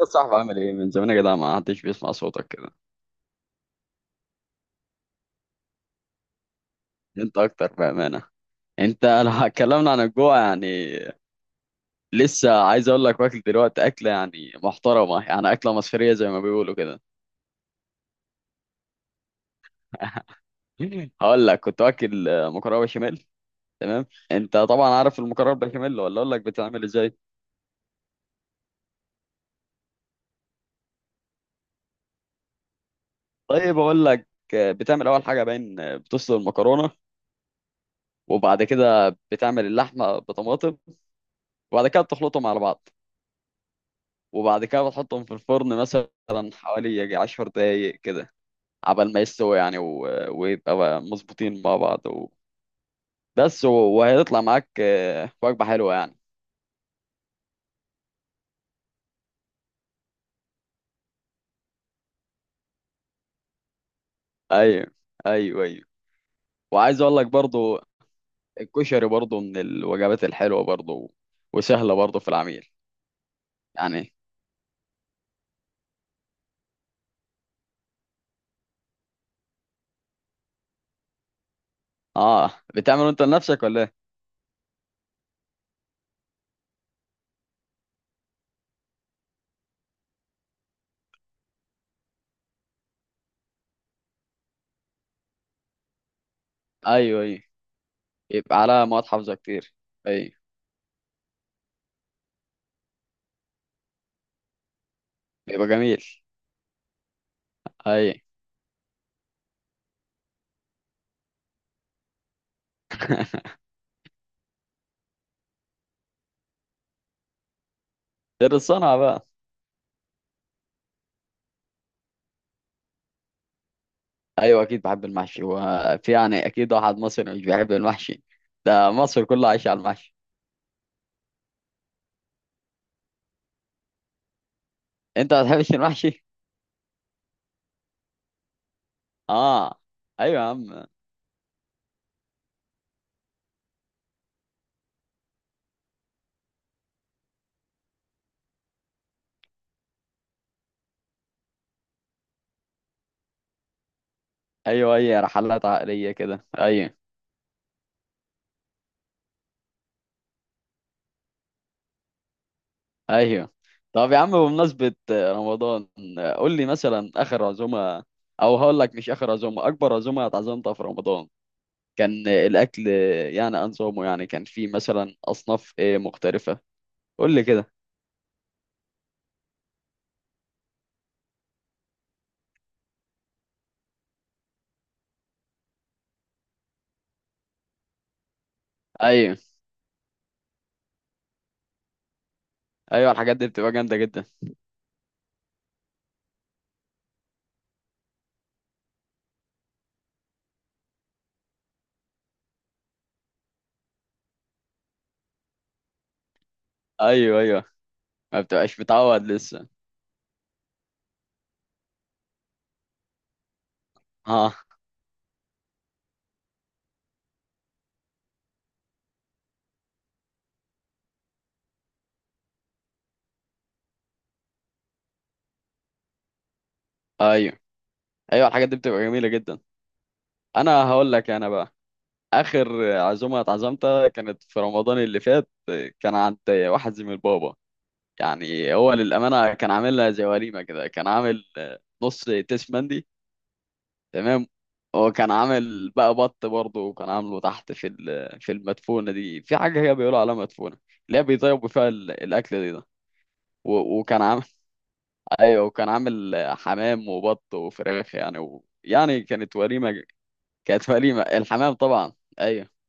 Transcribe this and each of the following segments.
يا صاحبي، عامل ايه من زمان يا جدع؟ ما حدش بيسمع صوتك كده. انت اكتر بامانه. انت لو اتكلمنا عن الجوع يعني. لسه عايز اقول لك واكل دلوقتي اكله يعني محترمه، يعني اكله مصريه زي ما بيقولوا كده. هقول لك كنت واكل مكرونه بشاميل. تمام. انت طبعا عارف المكرونه بشاميل ولا اقول لك بتعمل ازاي؟ طيب اقول لك. بتعمل اول حاجه باين بتسلق المكرونه. وبعد كده بتعمل اللحمه بطماطم. وبعد كده بتخلطهم على بعض. وبعد كده بتحطهم في الفرن مثلا حوالي يجي عشر دقايق كده عبال ما يستوي يعني ويبقى بقى مظبوطين مع بعض بس وهيطلع معاك وجبة حلوة يعني. ايوه ايوه ايوه. وعايز اقول لك برضو الكشري برضو من الوجبات الحلوة برضو، وسهلة برضو في العميل يعني. اه، بتعمله انت لنفسك ولا ايه؟ ايوه ايوه. يبقى على مواد حافظة كتير. ايوه. بيبقى جميل. ايوه غير الصنعة بقى. ايوه اكيد بحب المحشي، وفي يعني اكيد واحد مصري مش بيحب المحشي؟ ده مصر كلها عايشه على المحشي. انت ما بتحبش المحشي؟ اه. ايوه يا عم. ايوه اي رحلات عقليه كده ايوه ايوه. طب يا عم، بمناسبه رمضان قول لي مثلا اخر عزومه، او هقول لك مش اخر عزومه، اكبر عزومه اتعزمتها في رمضان. كان الاكل، يعني انظمه، يعني كان في مثلا اصناف ايه مختلفه، قول لي كده. ايوه ايوه الحاجات دي بتبقى جامده جدا. ايوه ايوه. ما بتبقاش متعود لسه. اه. ايوه ايوه الحاجات دي بتبقى جميله جدا. انا هقول لك انا بقى، اخر عزومه اتعزمتها كانت في رمضان اللي فات. كان عند واحد زميل بابا. يعني هو للامانه كان عاملها زي وليمه كده، كان عامل نص تيس مندي. تمام. هو كان عامل بقى بط برضه، وكان عامله تحت في في المدفونه دي، في حاجه هي بيقولوا عليها مدفونه، اللي هي بيطيبوا فيها الاكل دي ده. وكان عامل. ايوه وكان عامل حمام وبط وفراخ يعني يعني كانت وليمه. كانت وليمه الحمام طبعا. ايوه.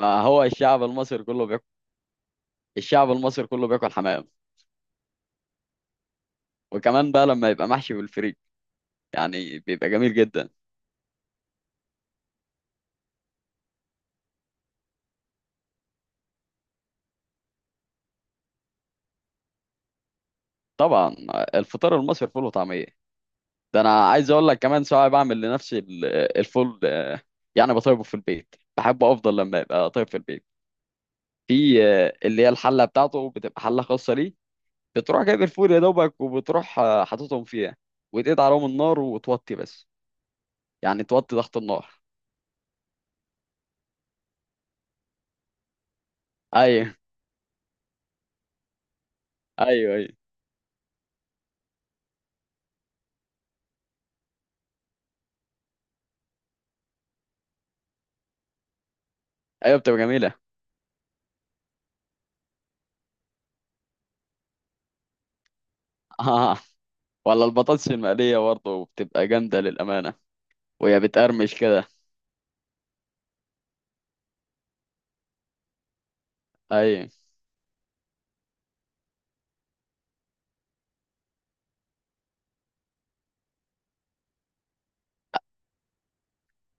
ما هو الشعب المصري كله بياكل. الشعب المصري كله بياكل حمام. وكمان بقى لما يبقى محشي بالفريك يعني بيبقى جميل جدا. طبعا الفطار المصري فول وطعميه. ده انا عايز اقول لك كمان ساعات بعمل لنفسي الفول، يعني بطيبه في البيت، بحبه افضل لما يبقى طيب في البيت. في اللي هي الحله بتاعته بتبقى حله خاصه ليه. بتروح جايب الفول يا دوبك، وبتروح حاططهم فيها، وتقعد عليهم النار وتوطي بس، يعني توطي ضغط النار. ايوه ايوه ايوه ايوه بتبقى جميله. آه. ولا البطاطس المقليه برضه بتبقى جامده للامانه. وهي بتقرمش كده. ايوه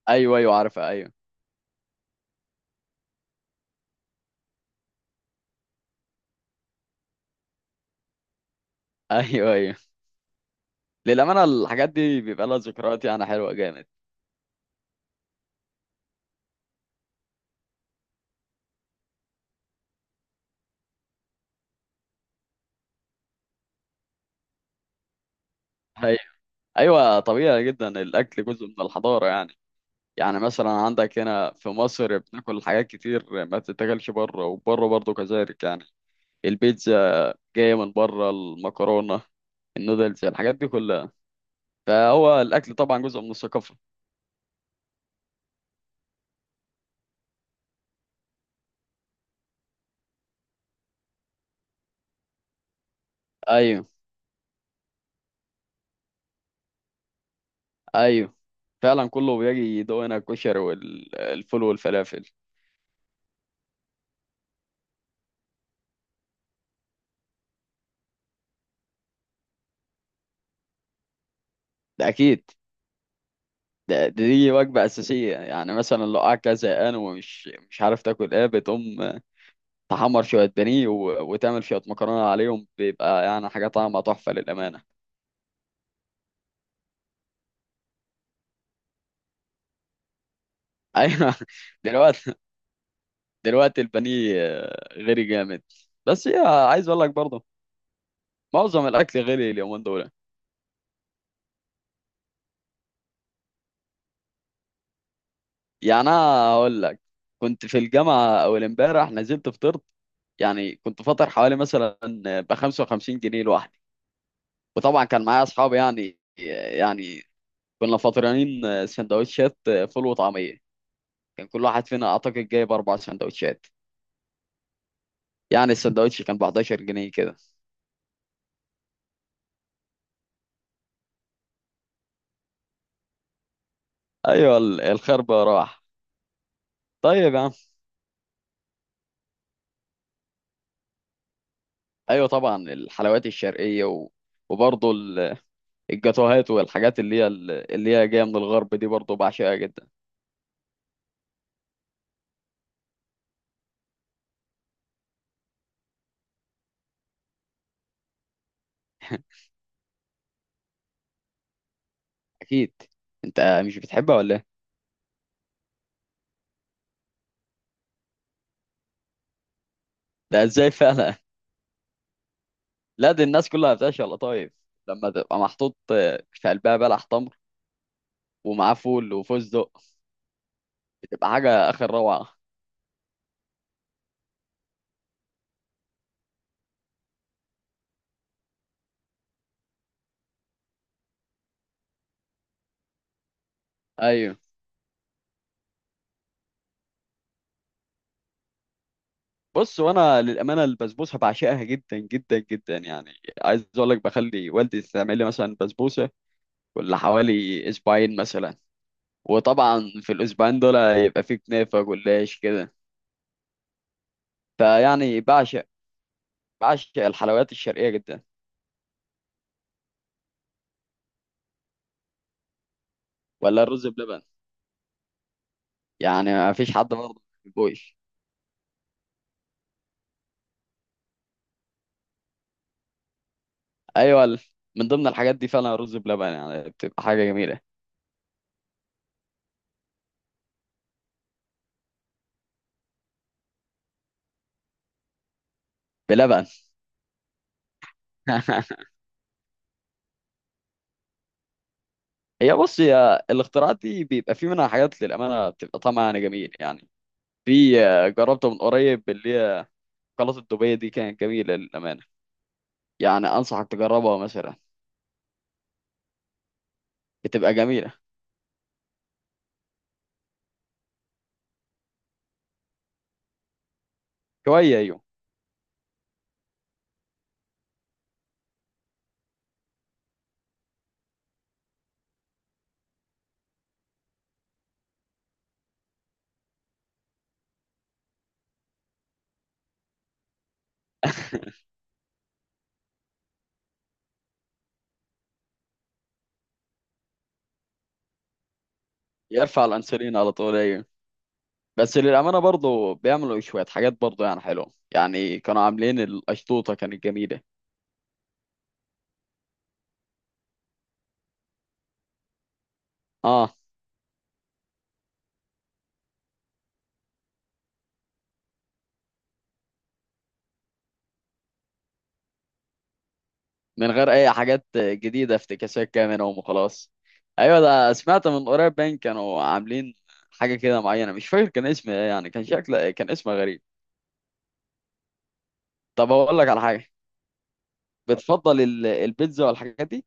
ايوه ايوه عارفه ايوه. ايوه ايوه. للامانه الحاجات دي بيبقى لها ذكريات يعني حلوه جامد. ايوه ايوه طبيعي جدا، الاكل جزء من الحضاره يعني. يعني مثلا عندك هنا في مصر بناكل حاجات كتير ما بتتاكلش بره، وبره برضه كذلك يعني. البيتزا جايه من بره، المكرونه، النودلز، الحاجات دي كلها. فهو الاكل طبعا جزء من الثقافه. ايوه ايوه فعلا كله بيجي يدوقنا الكشري والفول والفلافل. ده اكيد. ده دي وجبه اساسيه يعني، مثلا لو قاعد كده زهقان ومش مش عارف تاكل ايه، بتقوم تحمر شويه بانيه وتعمل شويه مكرونه عليهم، بيبقى يعني حاجه طعمها تحفه للامانه. ايوه. دلوقتي. دلوقتي البانيه غير جامد. بس هي عايز اقول لك برضه، معظم الاكل غالي اليومين دول. يعني انا هقول لك، كنت في الجامعه اول امبارح نزلت فطرت، يعني كنت فاطر حوالي مثلا ب 55 جنيه لوحدي. وطبعا كان معايا اصحابي يعني، يعني كنا فاطرين سندوتشات فول وطعميه. كان كل واحد فينا اعتقد جايب اربع سندوتشات. يعني السندوتش كان ب 11 جنيه كده. ايوه الخربة راح. طيب يا عم. ايوه طبعا الحلويات الشرقيه، وبرضه الجاتوهات والحاجات اللي هي اللي هي جايه من الغرب دي، برضه بعشقها جدا. اكيد. انت مش بتحبها ولا ايه؟ ده ازاي فعلا؟ لا دي الناس كلها بتعشق القطايف، لما تبقى محطوط في قلبها بلح تمر، ومعاه فول وفستق، بتبقى حاجه اخر روعه. ايوه. بص، وانا للامانه البسبوسه بعشقها جدا جدا جدا يعني. عايز اقول لك بخلي والدي تعمل لي مثلا بسبوسه كل حوالي اسبوعين مثلا. وطبعا في الاسبوعين دول يبقى في كنافه جلاش كده. فيعني بعشق، بعشق الحلويات الشرقيه جدا. ولا الرز بلبن، يعني ما فيش حد برضه ما بيحبوش. ايوه من ضمن الحاجات دي فعلا رز بلبن، يعني بتبقى حاجه جميله. بلبن. هي بص، هي الاختراعات دي بيبقى في منها حاجات للامانه بتبقى طعمها يعني جميل يعني. في جربته من قريب اللي هي شوكولاته دبي دي، كانت جميله للامانه. يعني انصحك تجربها مثلا. بتبقى جميله. شويه ايوه. يرفع الانسولين على طول ايوه. بس للامانه برضه بيعملوا شويه حاجات برضه يعني حلوه، يعني كانوا عاملين القشطوطه كانت جميله. اه. من غير اي حاجات جديده افتكاسات كده منهم وخلاص. ايوه. ده سمعت من قريب باين كانوا عاملين حاجه كده معينه، مش فاكر كان اسم ايه، يعني كان شكل كان اسمها غريب. طب هقول لك على حاجه. بتفضل البيتزا والحاجات دي؟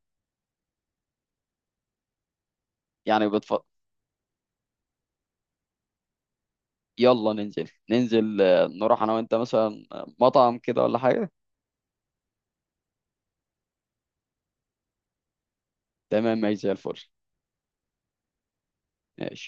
يعني بتفضل. يلا ننزل ننزل، نروح انا وانت مثلا مطعم كده ولا حاجه. تمام ماشي زي الفل. ماشي.